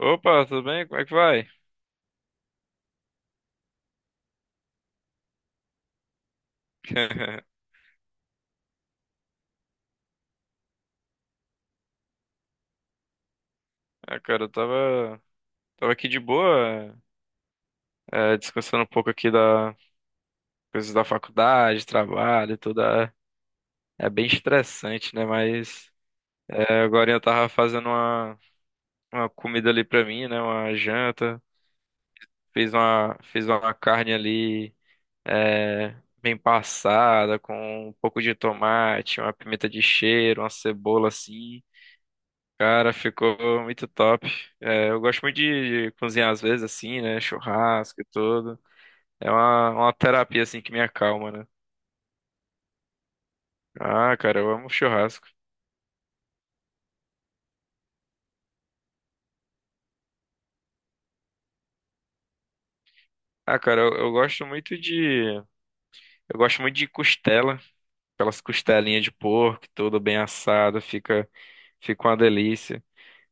Opa, tudo bem? Como é que vai? Ah, cara, eu tava aqui de boa, é, descansando um pouco aqui da coisas da faculdade, trabalho, e tudo. É bem estressante, né? Mas é, agora eu tava fazendo uma comida ali pra mim, né? Uma janta. Fiz uma carne ali, é, bem passada, com um pouco de tomate, uma pimenta de cheiro, uma cebola assim. Cara, ficou muito top. É, eu gosto muito de cozinhar às vezes, assim, né? Churrasco e tudo. É uma terapia, assim, que me acalma, né? Ah, cara, eu amo churrasco. Ah, cara, eu gosto muito de. Eu gosto muito de costela. Aquelas costelinhas de porco, tudo bem assado, fica, fica uma delícia.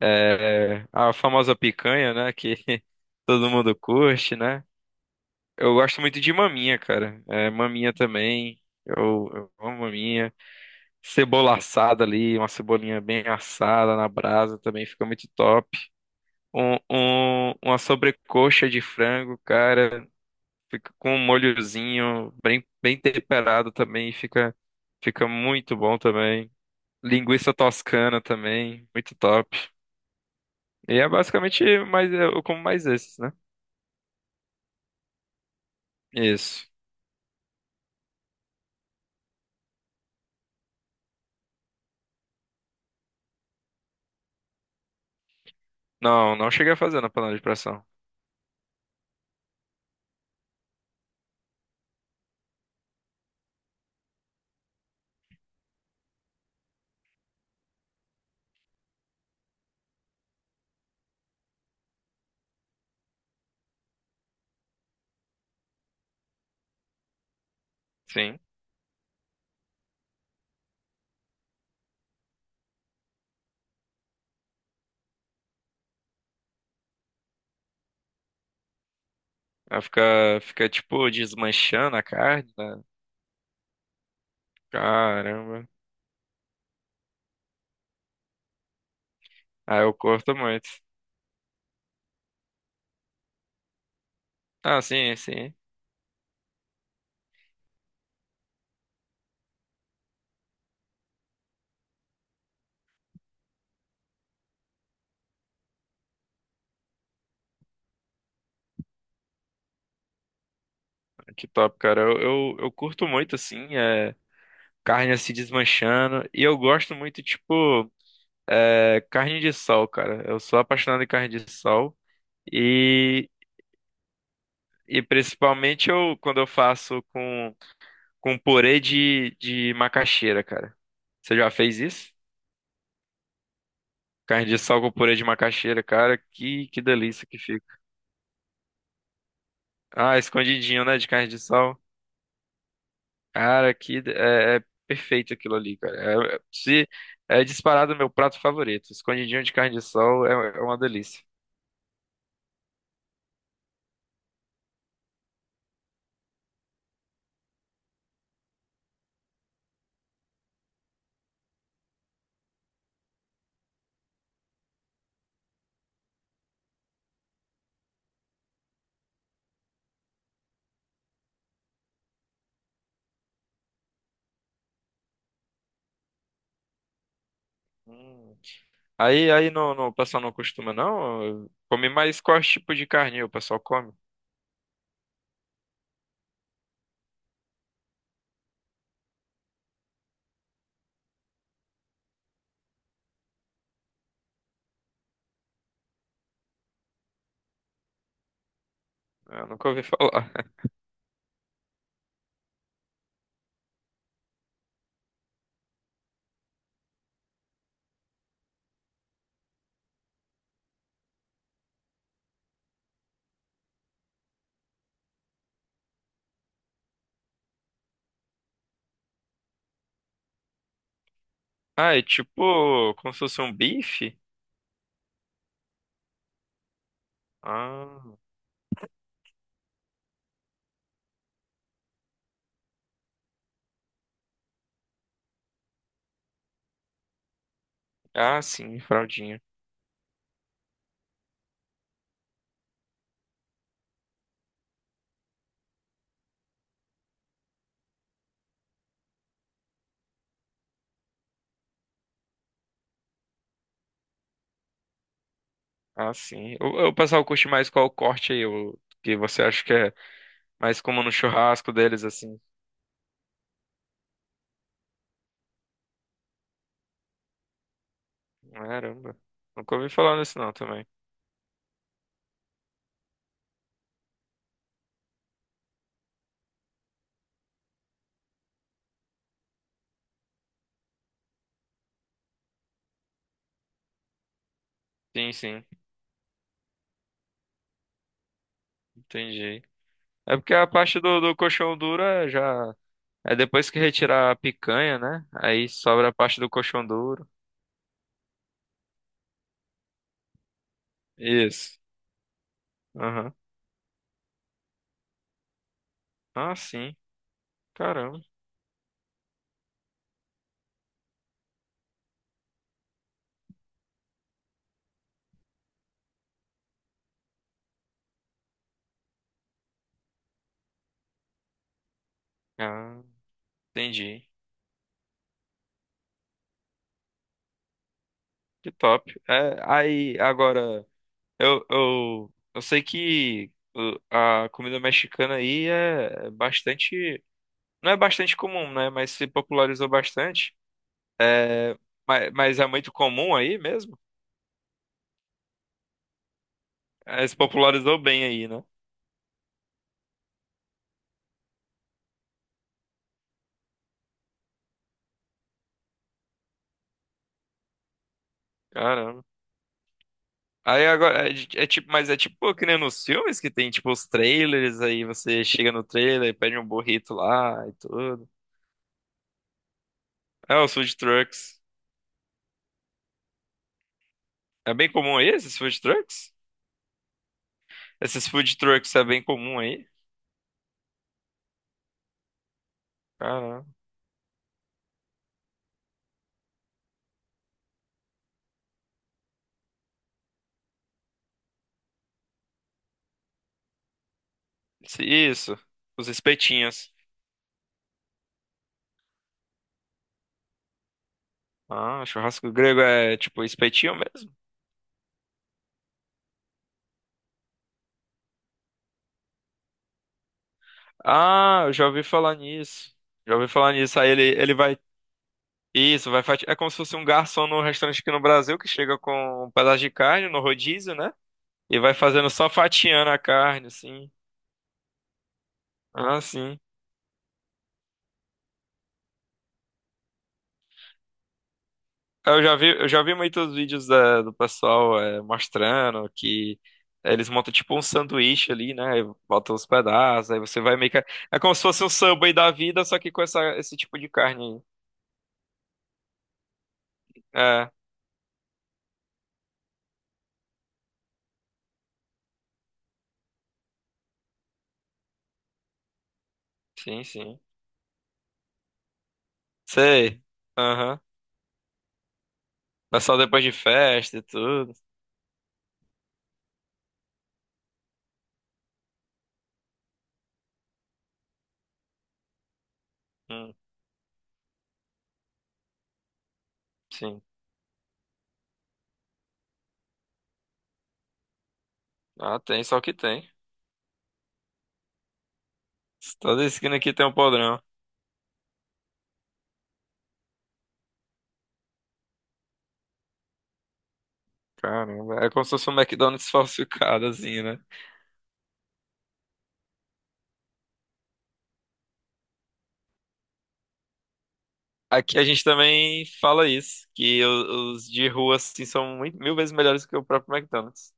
É, a famosa picanha, né? Que todo mundo curte, né? Eu gosto muito de maminha, cara. É, maminha também. Eu amo maminha. Cebola assada ali, uma cebolinha bem assada na brasa também fica muito top. Uma sobrecoxa de frango, cara, fica com um molhozinho bem, bem temperado também, fica, fica muito bom também. Linguiça toscana também, muito top. E é basicamente mais, é, eu como mais esses, né? Isso. Não, não cheguei a fazer na panela de pressão. Sim. Ela fica, fica tipo desmanchando a carne, né? Caramba. Aí eu corto muito. Ah, sim, sim. Que top, cara. Eu curto muito, assim, é, carne se desmanchando. E eu gosto muito, tipo, é, carne de sol, cara. Eu sou apaixonado em carne de sol. E, e principalmente eu, quando eu faço com purê de macaxeira, cara. Você já fez isso? Carne de sol com purê de macaxeira, cara. Que delícia que fica. Ah, escondidinho, né, de carne de sol. Cara, que é, é perfeito aquilo ali, cara. Se é disparado meu prato favorito. Escondidinho de carne de sol é uma delícia. Hum. Aí o pessoal não costuma, não? Come mais qual tipo de carne o pessoal come? Eu nunca ouvi falar. Ah, é tipo como se fosse um bife? Ah, ah, sim, fraldinha. Ah, sim. O pessoal curte mais qual corte aí, o que você acha que é mais como no churrasco deles, assim? Caramba, nunca ouvi falar nisso não também. Sim, sim, entendi. É porque a parte do coxão duro é já. É depois que retirar a picanha, né? Aí sobra a parte do coxão duro. Isso. Aham. Ah, sim. Caramba. Ah, entendi. Que top. É, aí, agora, eu sei que a comida mexicana aí é bastante. Não é bastante comum, né? Mas se popularizou bastante. Mas é muito comum aí mesmo? É, se popularizou bem aí, né? Caramba. Aí agora, é, de- é tipo, mas é tipo que nem nos filmes que tem tipo os trailers, aí você chega no trailer, pede um burrito lá e tudo. É, os food trucks. É bem comum aí esses food trucks? Esses food trucks é bem comum aí? Caramba. Isso, isso. Os espetinhos. Ah, churrasco grego é tipo espetinho mesmo? Ah, eu já ouvi falar nisso. Já ouvi falar nisso. Aí ele vai. Isso, vai fati... É como se fosse um garçom no restaurante aqui no Brasil que chega com um pedaço de carne no rodízio, né? E vai fazendo só fatiando a carne, assim. Ah, sim. Eu já vi muitos vídeos da- do pessoal é, mostrando que eles montam tipo um sanduíche ali, né? E botam os pedaços, aí você vai meio que. É como se fosse um Subway da vida, só que com esse tipo de carne. É, sim, sim. Sei. Aham. Pessoal depois de festa e tudo. Hum, sim. Ah, tem, só que tem. Toda esquina aqui tem um podrão. Caramba, é como se fosse um McDonald's falsificado, assim, né? Aqui a gente também fala isso, que os de rua assim são muito- mil vezes melhores que o próprio McDonald's.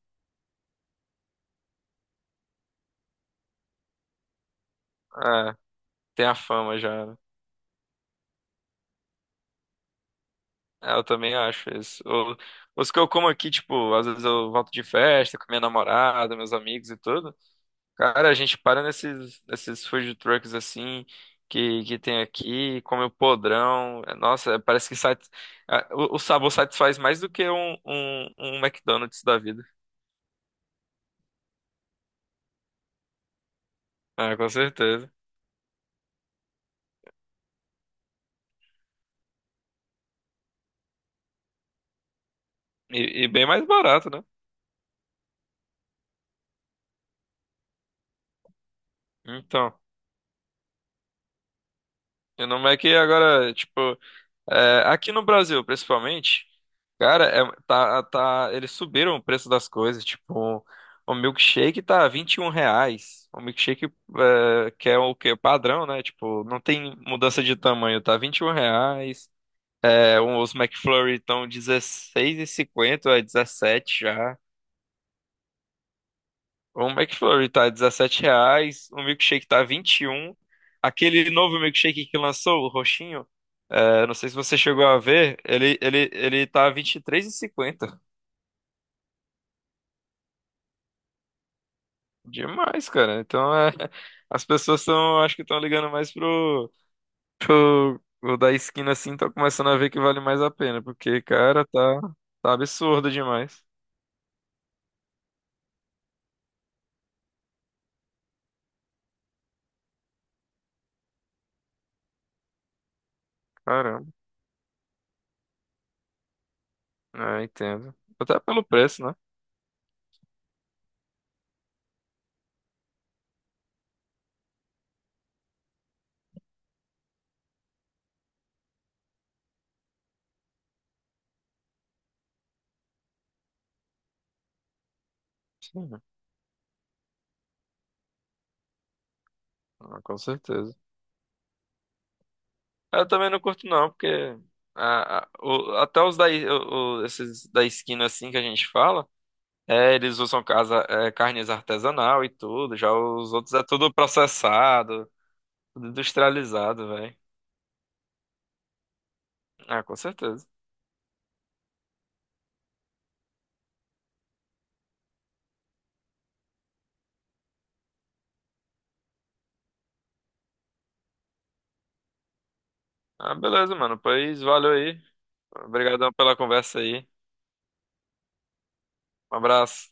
É, tem a fama já, né? É, eu também acho isso. Os que eu como aqui, tipo, às vezes eu volto de festa com minha namorada, meus amigos e tudo. Cara, a gente para nesses food trucks assim que tem aqui, come o podrão. É, nossa, parece que sat... Ah, o sabor satisfaz mais do que um McDonald's da vida. Ah, com certeza. E bem mais barato, né? Então, e não é que agora, tipo, é, aqui no Brasil, principalmente, cara, é, eles subiram o preço das coisas, tipo, o milkshake tá R$ 21, o milkshake é, que é o que, padrão, né, tipo, não tem mudança de tamanho, tá R$ 21, é, um- os McFlurry estão 16,50 é 17 já, o McFlurry tá R$ 17, o milkshake tá 21 aquele novo milkshake que lançou, o roxinho, eu não sei se você chegou a ver, ele tá 23,50. Demais, cara. Então é, as pessoas estão, acho que estão ligando mais pro, pro o da esquina assim, tá começando a ver que vale mais a pena, porque, cara, tá, tá absurdo demais. Caramba, é, entendo. Até pelo preço, né? Sim, ah, com certeza. Eu também não curto não, porque até os da, esses da esquina assim que a gente fala. É, eles usam casa, é, carnes artesanal e tudo. Já os outros é tudo processado, tudo industrializado, velho. Ah, com certeza. Ah, beleza, mano. Pois valeu aí. Obrigadão pela conversa aí. Um abraço.